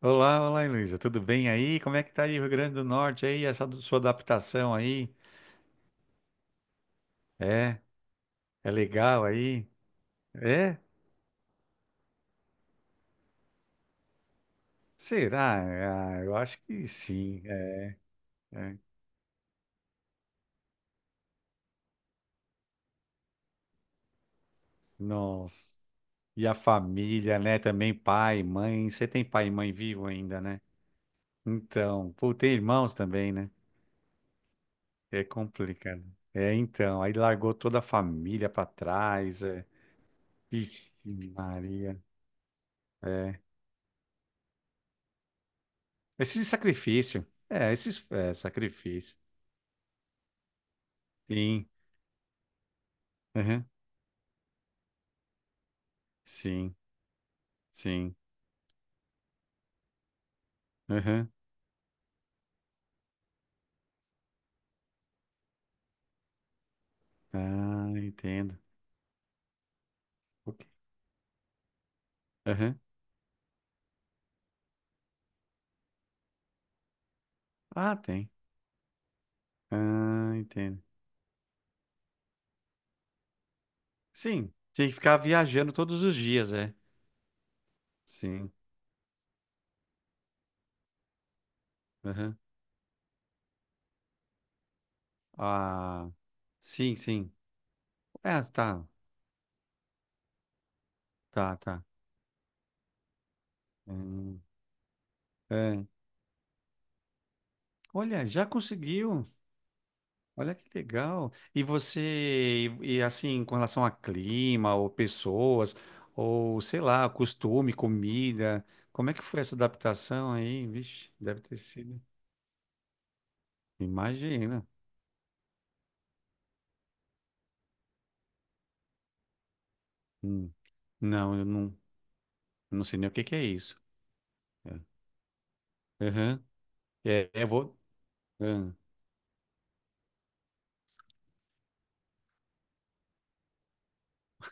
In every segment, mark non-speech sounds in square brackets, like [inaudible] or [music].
Olá, olá, Luísa. Tudo bem aí? Como é que tá aí o Rio Grande do Norte aí? Sua adaptação aí? É, é legal aí? É? Será? Ah, eu acho que sim. É, é. Nossa. E a família, né? Também pai, mãe. Você tem pai e mãe vivo ainda, né? Então, pô, tem irmãos também, né? É complicado. É, então, aí largou toda a família pra trás. É. Ixi, Maria. É. Esse sacrifício. É, esses é, sacrifício. Sim, aham, sim, sim, aham, ah, entendo. Ok. Aham, ah, tem. Ah, entendo. Sim, tem que ficar viajando todos os dias, é. Sim, aham, ah, sim, sim. É, tá, tá, tá. Hum, é. Olha, já conseguiu. Olha que legal. E você, e assim, com relação a clima, ou pessoas, ou sei lá, costume, comida, como é que foi essa adaptação aí? Vixe, deve ter sido. Imagina. Hum. Não, eu não, não sei nem o que que é isso. É, aham. É, é, vou. Ahn.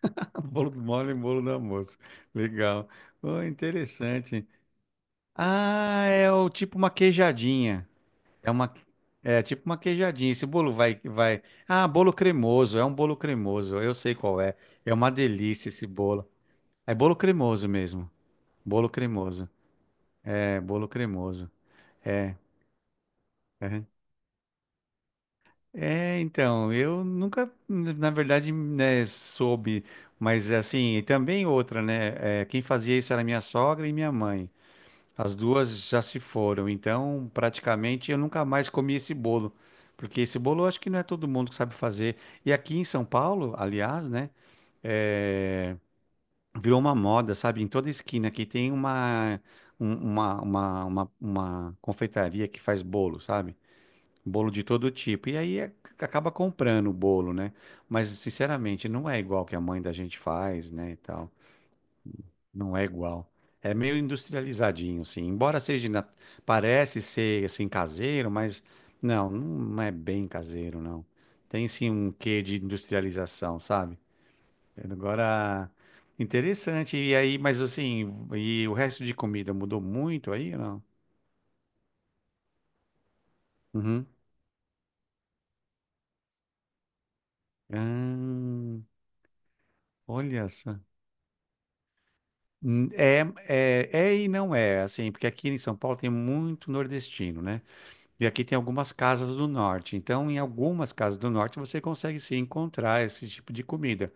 [laughs] Bolo mole, e bolo do almoço. Legal. Oh, interessante. Ah, é o tipo uma queijadinha. É uma, é tipo uma queijadinha. Esse bolo vai, vai. Ah, bolo cremoso. É um bolo cremoso. Eu sei qual é. É uma delícia esse bolo. É bolo cremoso mesmo. Bolo cremoso. É bolo cremoso. É, aham. É, então, eu nunca, na verdade, né, soube, mas assim, e também outra, né? É, quem fazia isso era minha sogra e minha mãe. As duas já se foram, então praticamente eu nunca mais comi esse bolo, porque esse bolo eu acho que não é todo mundo que sabe fazer. E aqui em São Paulo, aliás, né, eh, virou uma moda, sabe? Em toda esquina aqui tem uma, uma confeitaria que faz bolo, sabe? Bolo de todo tipo. Acaba comprando o bolo, né? Mas sinceramente não é igual que a mãe da gente faz, né, e tal. Não é igual. É meio industrializadinho, assim. Parece ser assim caseiro, mas não, não é bem caseiro, não. Tem sim um quê de industrialização, sabe? Agora, interessante. E aí, mas assim, e o resto de comida mudou muito aí, não? Uhum. Ah, olha só. É, é, é e não é, assim, porque aqui em São Paulo tem muito nordestino, né? E aqui tem algumas casas do norte. Então, em algumas casas do norte, você consegue sim encontrar esse tipo de comida.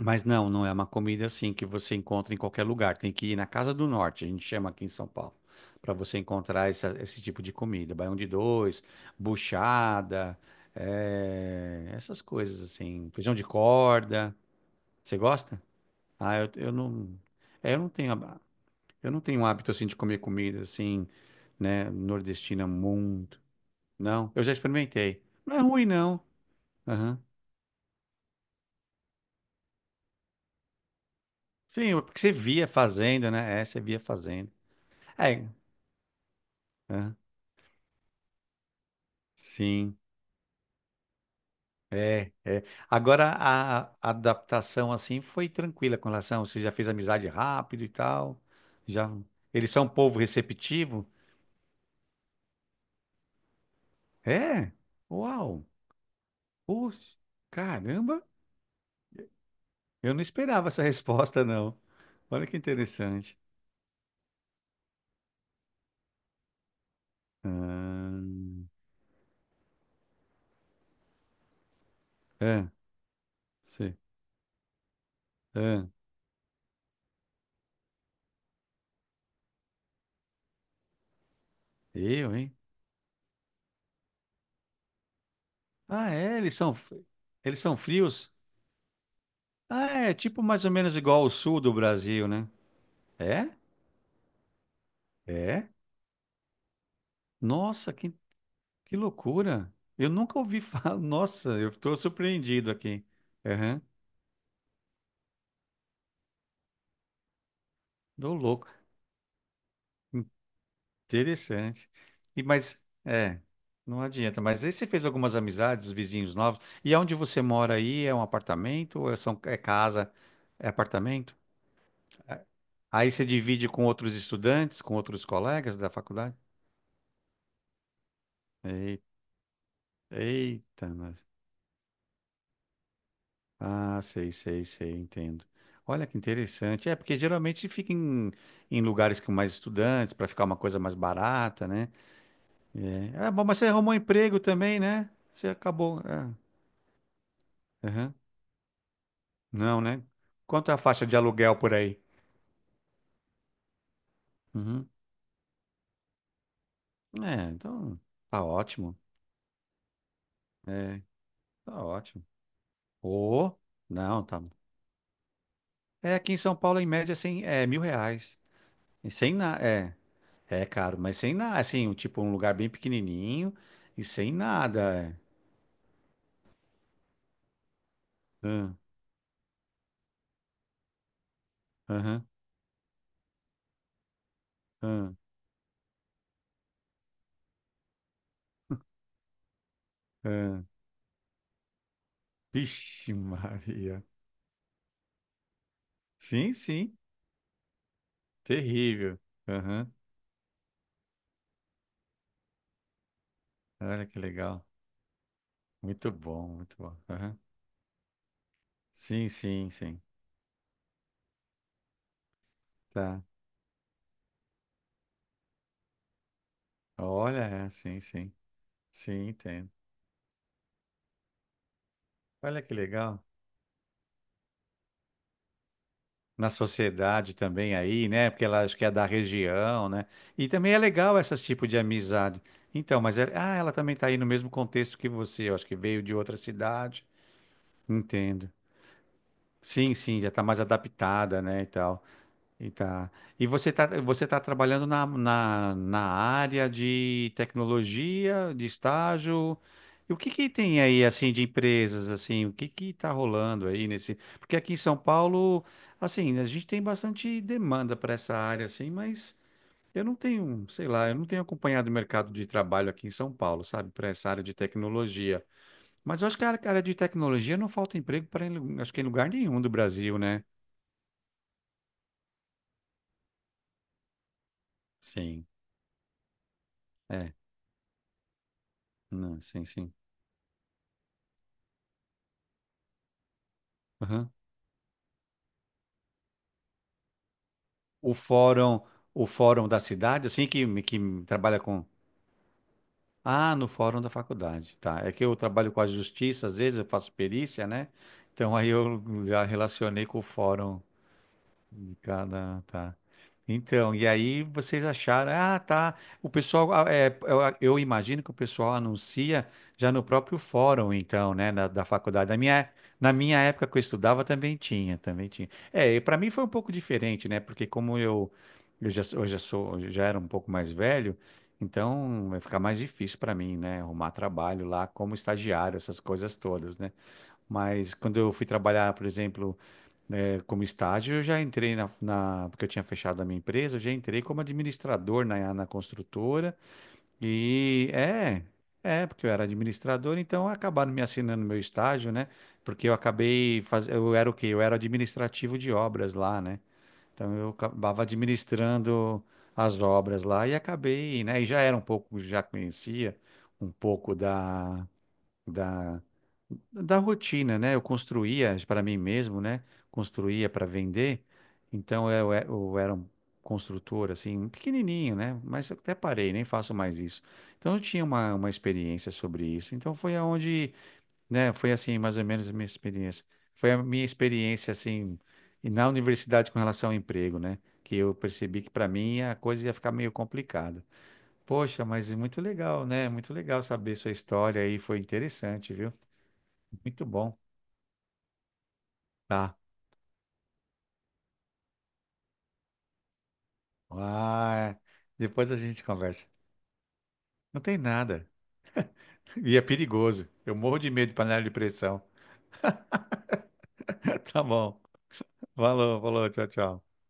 Mas não, não é uma comida assim que você encontra em qualquer lugar. Tem que ir na casa do norte, a gente chama aqui em São Paulo, para você encontrar esse tipo de comida. Baião de dois, buchada, essas coisas assim. Feijão de corda. Você gosta? Ah, eu não. É, Eu não tenho um hábito assim de comer comida assim, né, nordestina muito. Não, eu já experimentei. Não é ruim, não. Aham. Sim, é porque você via fazendo, né? É, você via fazendo. É, aham. Sim, é, é. Agora, a adaptação, assim, foi tranquila com relação, você já fez amizade rápido e tal, já... Eles são um povo receptivo? É? Uau! Puxa, caramba! Eu não esperava essa [laughs] resposta, não. Olha que interessante. Ah, é, sim. Ah, eu, hein? Ah, é, eles são frios? Ah, é tipo mais ou menos igual ao sul do Brasil, né? É? É? Nossa, que loucura. Eu nunca ouvi falar. [laughs] Nossa, eu estou surpreendido aqui. Aham, tô louco. Interessante. E, mas, é, não adianta. Mas aí você fez algumas amizades, vizinhos novos. E aonde você mora aí? É um apartamento ou é casa? É apartamento? É, aí você divide com outros estudantes, com outros colegas da faculdade? Eita, nós. Ah, sei, sei, sei, entendo. Olha que interessante. É, porque geralmente fica em, em lugares com mais estudantes, para ficar uma coisa mais barata, né? É, é, bom, mas você arrumou um emprego também, né? Você acabou. É, aham. Não, né? Quanto é a faixa de aluguel por aí? Uhum. É, então tá ótimo. É, tá ótimo. Ô, não, tá. É, aqui em São Paulo, em média, é cem, é mil reais. E sem nada. É. É caro, mas sem nada, assim, tipo um lugar bem pequenininho e sem nada. Hum, aham, hum, hum. [laughs] Vixe, Maria. Sim, sim, terrível. Aham, olha que legal. Muito bom, muito bom. Aham. Sim, sim, sim. Tá. Olha, é, sim, sim. Sim, entendo. Olha que legal. Na sociedade também aí, né? Porque ela acho que é da região, né? E também é legal esses tipo de amizade. Então, mas ela, ah, ela também está aí no mesmo contexto que você, eu acho que veio de outra cidade. Entendo. Sim, sim, já está mais adaptada, né, e tal. E tá. E você tá trabalhando na área de tecnologia, de estágio. E o que que tem aí, assim, de empresas, assim? O que que tá rolando aí nesse... Porque aqui em São Paulo, assim, a gente tem bastante demanda para essa área, assim, mas eu não tenho, sei lá, eu não tenho acompanhado o mercado de trabalho aqui em São Paulo, sabe? Para essa área de tecnologia. Mas eu acho que a área de tecnologia não falta emprego para, acho que em lugar nenhum do Brasil, né? Sim, é. Não, sim, sim. o fórum, o fórum da cidade, assim que trabalha com. Ah, no fórum da faculdade, tá? É que eu trabalho com a justiça, às vezes eu faço perícia, né? Então aí eu já relacionei com o fórum de cada, tá? Então, e aí vocês acharam, ah, tá. O pessoal, ah, é, eu, ah, eu imagino que o pessoal anuncia já no próprio fórum, então, né, da faculdade. Na minha época que eu estudava também tinha, também tinha. É, para mim foi um pouco diferente, né, porque como eu, eu já era um pouco mais velho, então vai ficar mais difícil para mim, né, arrumar trabalho lá como estagiário, essas coisas todas, né. Mas quando eu fui trabalhar, por exemplo, é, como estágio, eu já entrei na, na- Porque eu tinha fechado a minha empresa, eu já entrei como administrador na construtora. E é, porque eu era administrador, então acabaram me assinando meu estágio, né? Porque eu acabei faz... Eu era o quê? Eu era administrativo de obras lá, né? Então eu acabava administrando as obras lá e acabei, né? E já era um pouco, já conhecia um pouco da, da rotina, né? Eu construía para mim mesmo, né? Construía para vender. Então eu era um construtor assim, pequenininho, né? Mas até parei, nem faço mais isso. Então eu tinha uma experiência sobre isso. Então foi aonde, né? Foi assim, mais ou menos a minha experiência. Foi a minha experiência assim e na universidade com relação ao emprego, né? Que eu percebi que para mim a coisa ia ficar meio complicada. Poxa, mas é muito legal, né? Muito legal saber sua história aí, foi interessante, viu? Muito bom. Tá. Ah, depois a gente conversa. Não tem nada. E é perigoso. Eu morro de medo de panela de pressão. [laughs] Tá bom. Falou, falou. Tchau, tchau.